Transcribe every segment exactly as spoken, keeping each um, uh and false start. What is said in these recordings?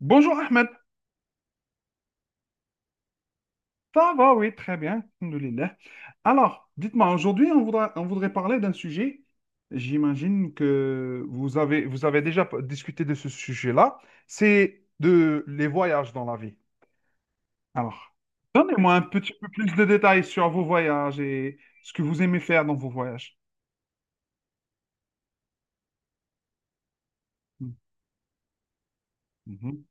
Bonjour Ahmed, ça va? Oui, très bien. Alhamdoulilah. Alors, dites-moi, aujourd'hui, on voudra- on voudrait parler d'un sujet. J'imagine que vous avez, vous avez déjà p- discuté de ce sujet-là. C'est de les voyages dans la vie. Alors, donnez-moi un petit peu plus de détails sur vos voyages et ce que vous aimez faire dans vos voyages. Mhm.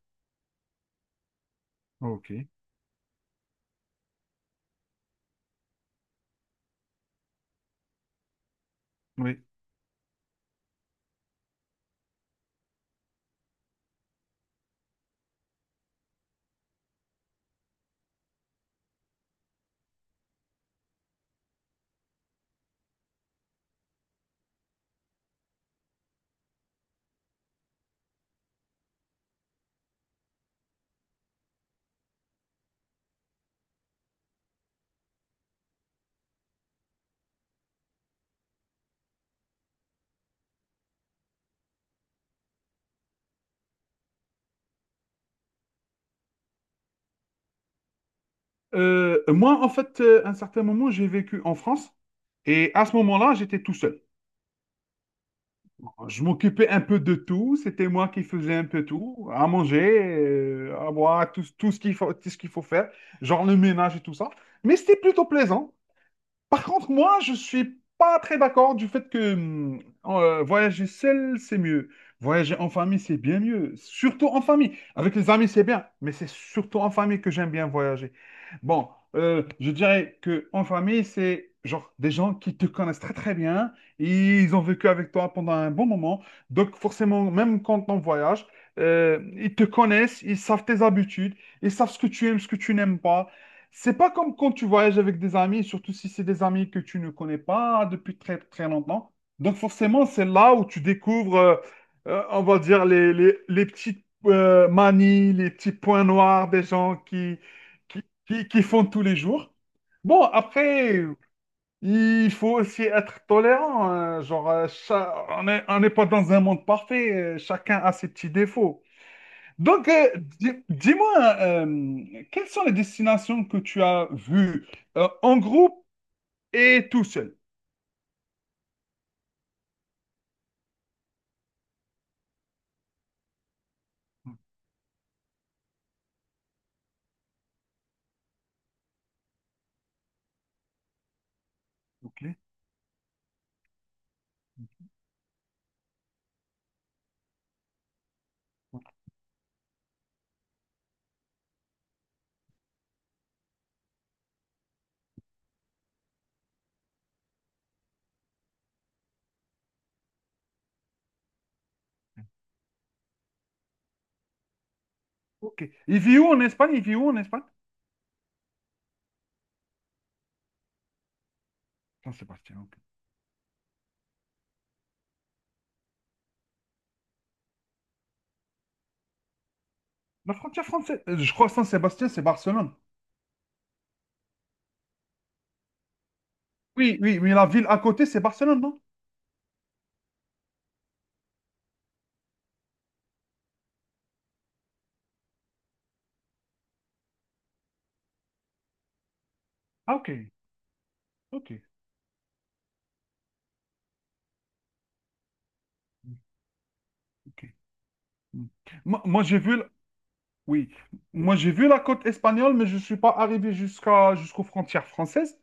Ok, oui. Euh, moi, en fait, euh, à un certain moment, j'ai vécu en France et à ce moment-là, j'étais tout seul. Je m'occupais un peu de tout, c'était moi qui faisais un peu tout, à manger, euh, à boire, tout, tout ce qu'il faut, tout ce qu'il faut faire, genre le ménage et tout ça. Mais c'était plutôt plaisant. Par contre, moi, je suis pas très d'accord du fait que hum, euh, voyager seul, c'est mieux. Voyager en famille, c'est bien mieux. Surtout en famille. Avec les amis, c'est bien, mais c'est surtout en famille que j'aime bien voyager. Bon, euh, je dirais que en famille, c'est genre des gens qui te connaissent très très bien. Ils ont vécu avec toi pendant un bon moment. Donc forcément, même quand on voyage, euh, ils te connaissent, ils savent tes habitudes, ils savent ce que tu aimes, ce que tu n'aimes pas. C'est pas comme quand tu voyages avec des amis, surtout si c'est des amis que tu ne connais pas depuis très très longtemps. Donc forcément, c'est là où tu découvres, euh, euh, on va dire, les, les, les petites euh, manies, les petits points noirs des gens qui, qui, qui, qui font tous les jours. Bon, après, il faut aussi être tolérant, hein. Genre, euh, cha- on est- on n'est pas dans un monde parfait. euh, Chacun a ses petits défauts. Donc, euh, di- dis-moi, euh, quelles sont les destinations que tu as vues euh, en groupe et tout seul? Ok, ok. Il vit où en Espagne? Il vit où en Espagne? Saint-Sébastien, ok. La frontière française, euh, je crois que Saint-Sébastien, c'est Barcelone. Oui, oui, mais la ville à côté, c'est Barcelone, non? Ah, ok, ok, ok. Hmm. Moi, moi, j'ai vu, la- oui, moi, j'ai vu la côte espagnole, mais je ne suis pas arrivé jusqu'à, jusqu'aux frontières françaises.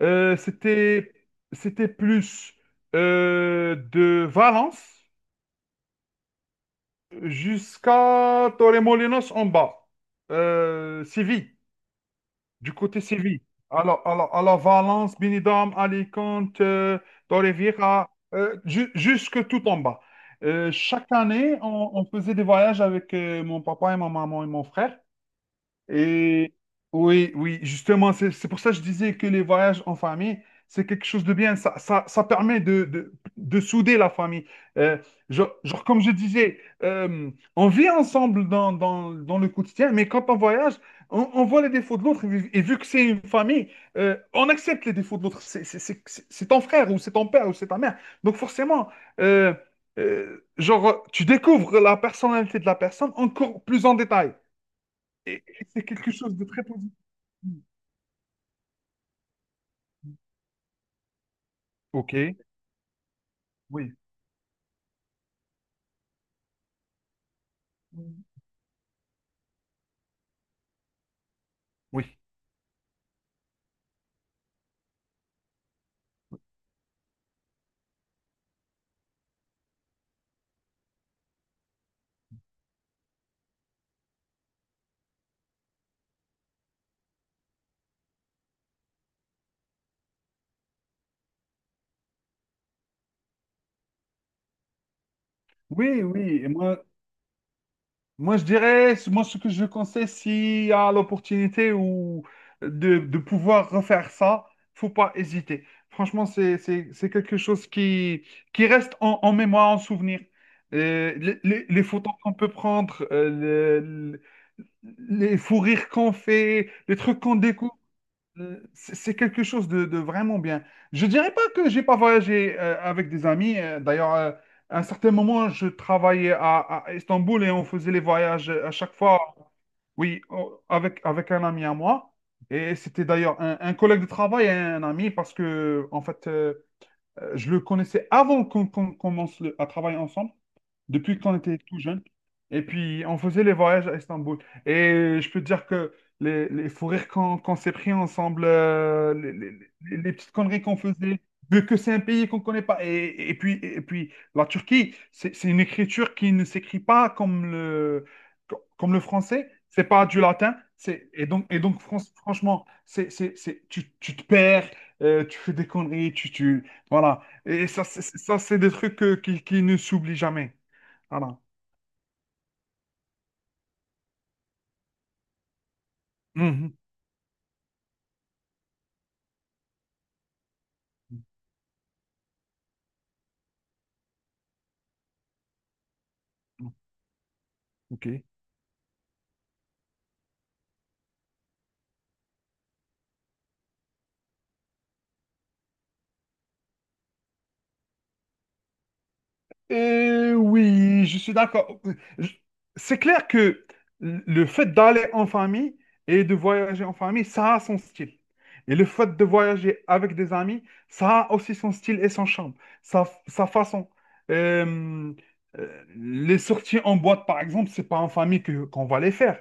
Euh, c'était, C'était plus euh, de Valence jusqu'à Torremolinos en bas. Euh, Séville, du côté Séville. Alors, alors, alors Valence, Benidorm, Alicante, euh, Torrevieja, euh, ju- jusque tout en bas. Euh, chaque année, on, on faisait des voyages avec euh, mon papa et ma maman et mon frère. Et oui, oui, justement, c'est c'est pour ça que je disais que les voyages en famille, c'est quelque chose de bien. Ça, ça, ça permet de, de, de souder la famille. Euh, genre, genre, comme je disais, euh, on vit ensemble dans, dans, dans le quotidien, mais quand on voyage, on, on voit les défauts de l'autre. Et, vu et vu que c'est une famille, euh, on accepte les défauts de l'autre. C'est c'est- c'est- c'est- c'est ton frère ou c'est ton père ou c'est ta mère. Donc forcément, euh, euh, genre, tu découvres la personnalité de la personne encore plus en détail. Et et c'est quelque chose de très positif. Ok, oui, oui, oui, oui. Et moi, moi, je dirais, moi, ce que je conseille, s'il y a l'opportunité ou de, de pouvoir refaire ça, faut pas hésiter. Franchement, c'est, c'est, c'est quelque chose qui, qui reste en, en mémoire, en souvenir. Euh, les, les- les photos qu'on peut prendre, euh, le- le- les fous rires qu'on fait, les trucs qu'on découvre. Euh, C'est c'est quelque chose de, de vraiment bien. Je dirais pas que j'ai pas voyagé euh, avec des amis. Euh, D'ailleurs, euh, à un certain moment, je travaillais à, à Istanbul et on faisait les voyages euh, à chaque fois, oui, au- avec, avec un ami à moi. Et c'était d'ailleurs un, un collègue de travail et un ami parce que, en fait, euh, euh, je le connaissais avant qu'on qu'on commence le- à travailler ensemble depuis qu'on était tout jeune. Et puis, on faisait les voyages à Istanbul. Et je peux te dire que les, les fous rires qu'on qu'on s'est pris ensemble, euh, les, les- les- les petites conneries qu'on faisait, vu que c'est un pays qu'on ne connaît pas. Et, et puis, et puis, la Turquie, c'est c'est une écriture qui ne s'écrit pas comme le, co- comme le français. C'est pas du latin. C'est, et donc, et donc fran- franchement, c'est, c'est, c'est, tu, tu te perds, euh, tu fais des conneries, tu, tu, voilà. Et ça, c'est ça, c'est des trucs que- qui, qui ne s'oublient jamais. Voilà. Mhm. Ok. Et oui, je suis d'accord. Je- C'est clair que le fait d'aller en famille et de voyager en famille, ça a son style. Et le fait de voyager avec des amis, ça a aussi son style et son charme, sa, sa façon. Euh, euh, les sorties en boîte, par exemple, c'est pas en famille que qu'on va les faire.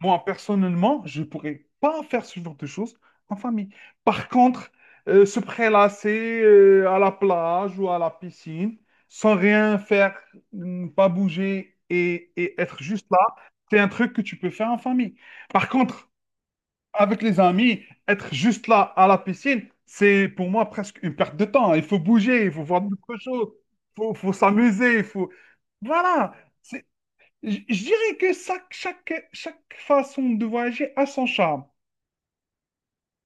Moi, personnellement, je pourrais pas faire ce genre de choses en famille. Par contre, euh, se prélasser euh, à la plage ou à la piscine, sans rien faire, ne pas bouger et, et être juste là, c'est un truc que tu peux faire en famille. Par contre, avec les amis, être juste là à la piscine, c'est pour moi presque une perte de temps. Il faut bouger, il faut voir d'autres choses, il faut, faut s'amuser, il faut... Voilà. Je je dirais que ça, chaque, chaque façon de voyager a son charme.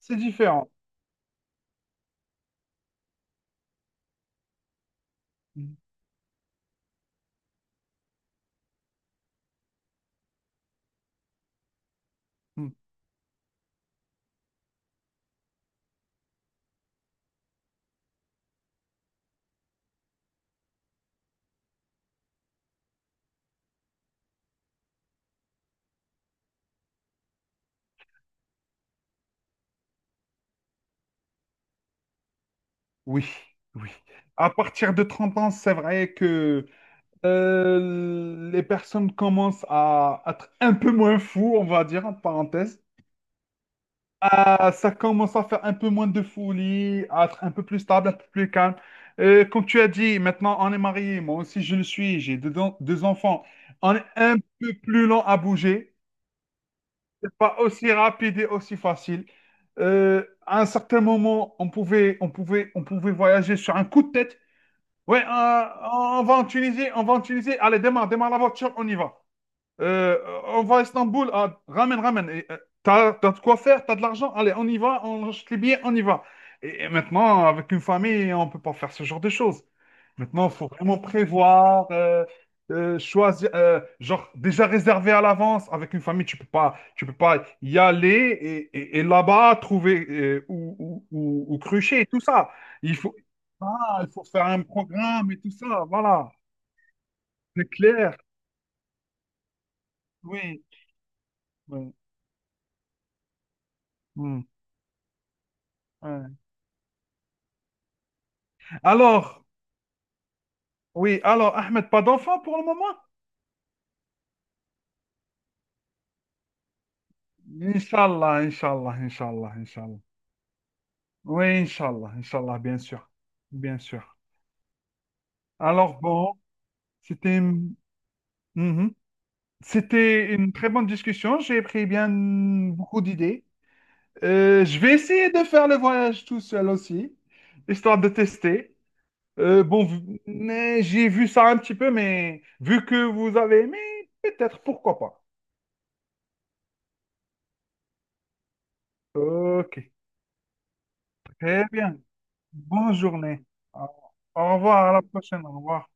C'est différent. Mm, mm. Oui, oui. À partir de trente ans, c'est vrai que euh, les personnes commencent à être un peu moins fous, on va dire, en parenthèse. Ah, ça commence à faire un peu moins de folie, à être un peu plus stable, un peu plus calme. Euh, comme tu as dit, maintenant on est marié, moi aussi je le suis, j'ai deux, deux enfants. On est un peu plus lent à bouger. C'est pas aussi rapide et aussi facile. Euh, à un certain moment, on pouvait, on pouvait, on pouvait voyager sur un coup de tête. Ouais, euh, on va en Tunisie, on va en Tunisie. Allez, démarre, démarre la voiture, on y va. Euh, on va à Istanbul, ah, ramène, ramène. Et, euh, T'as, t'as de quoi faire, t'as de l'argent, allez, on y va, on achète les billets, on y va. Et, et maintenant, avec une famille, on peut pas faire ce genre de choses. Maintenant, il faut vraiment prévoir, euh, euh, choisir, euh, genre déjà réservé à l'avance. Avec une famille, tu peux pas, tu peux pas y aller et, et- et là-bas trouver euh, ou, ou, ou- ou crucher et tout ça. Il faut, ah, il faut faire un programme et tout ça, voilà. C'est clair, oui. Oui. Hmm. Ouais. Alors, oui, alors, Ahmed, pas d'enfant pour le moment? Inch'Allah, Inch'Allah, Inch'Allah, Inch'Allah. Oui, Inch'Allah, Inch'Allah, bien sûr. Bien sûr. Alors, bon, c'était une... Mhm. C'était une très bonne discussion. J'ai pris bien beaucoup d'idées. Euh, je vais essayer de faire le voyage tout seul aussi, histoire de tester. Euh, bon, vu- mais j'ai vu ça un petit peu, mais vu que vous avez aimé, peut-être, pourquoi pas. Ok. Très bien. Bonne journée. Au Au revoir, à la prochaine. Au revoir.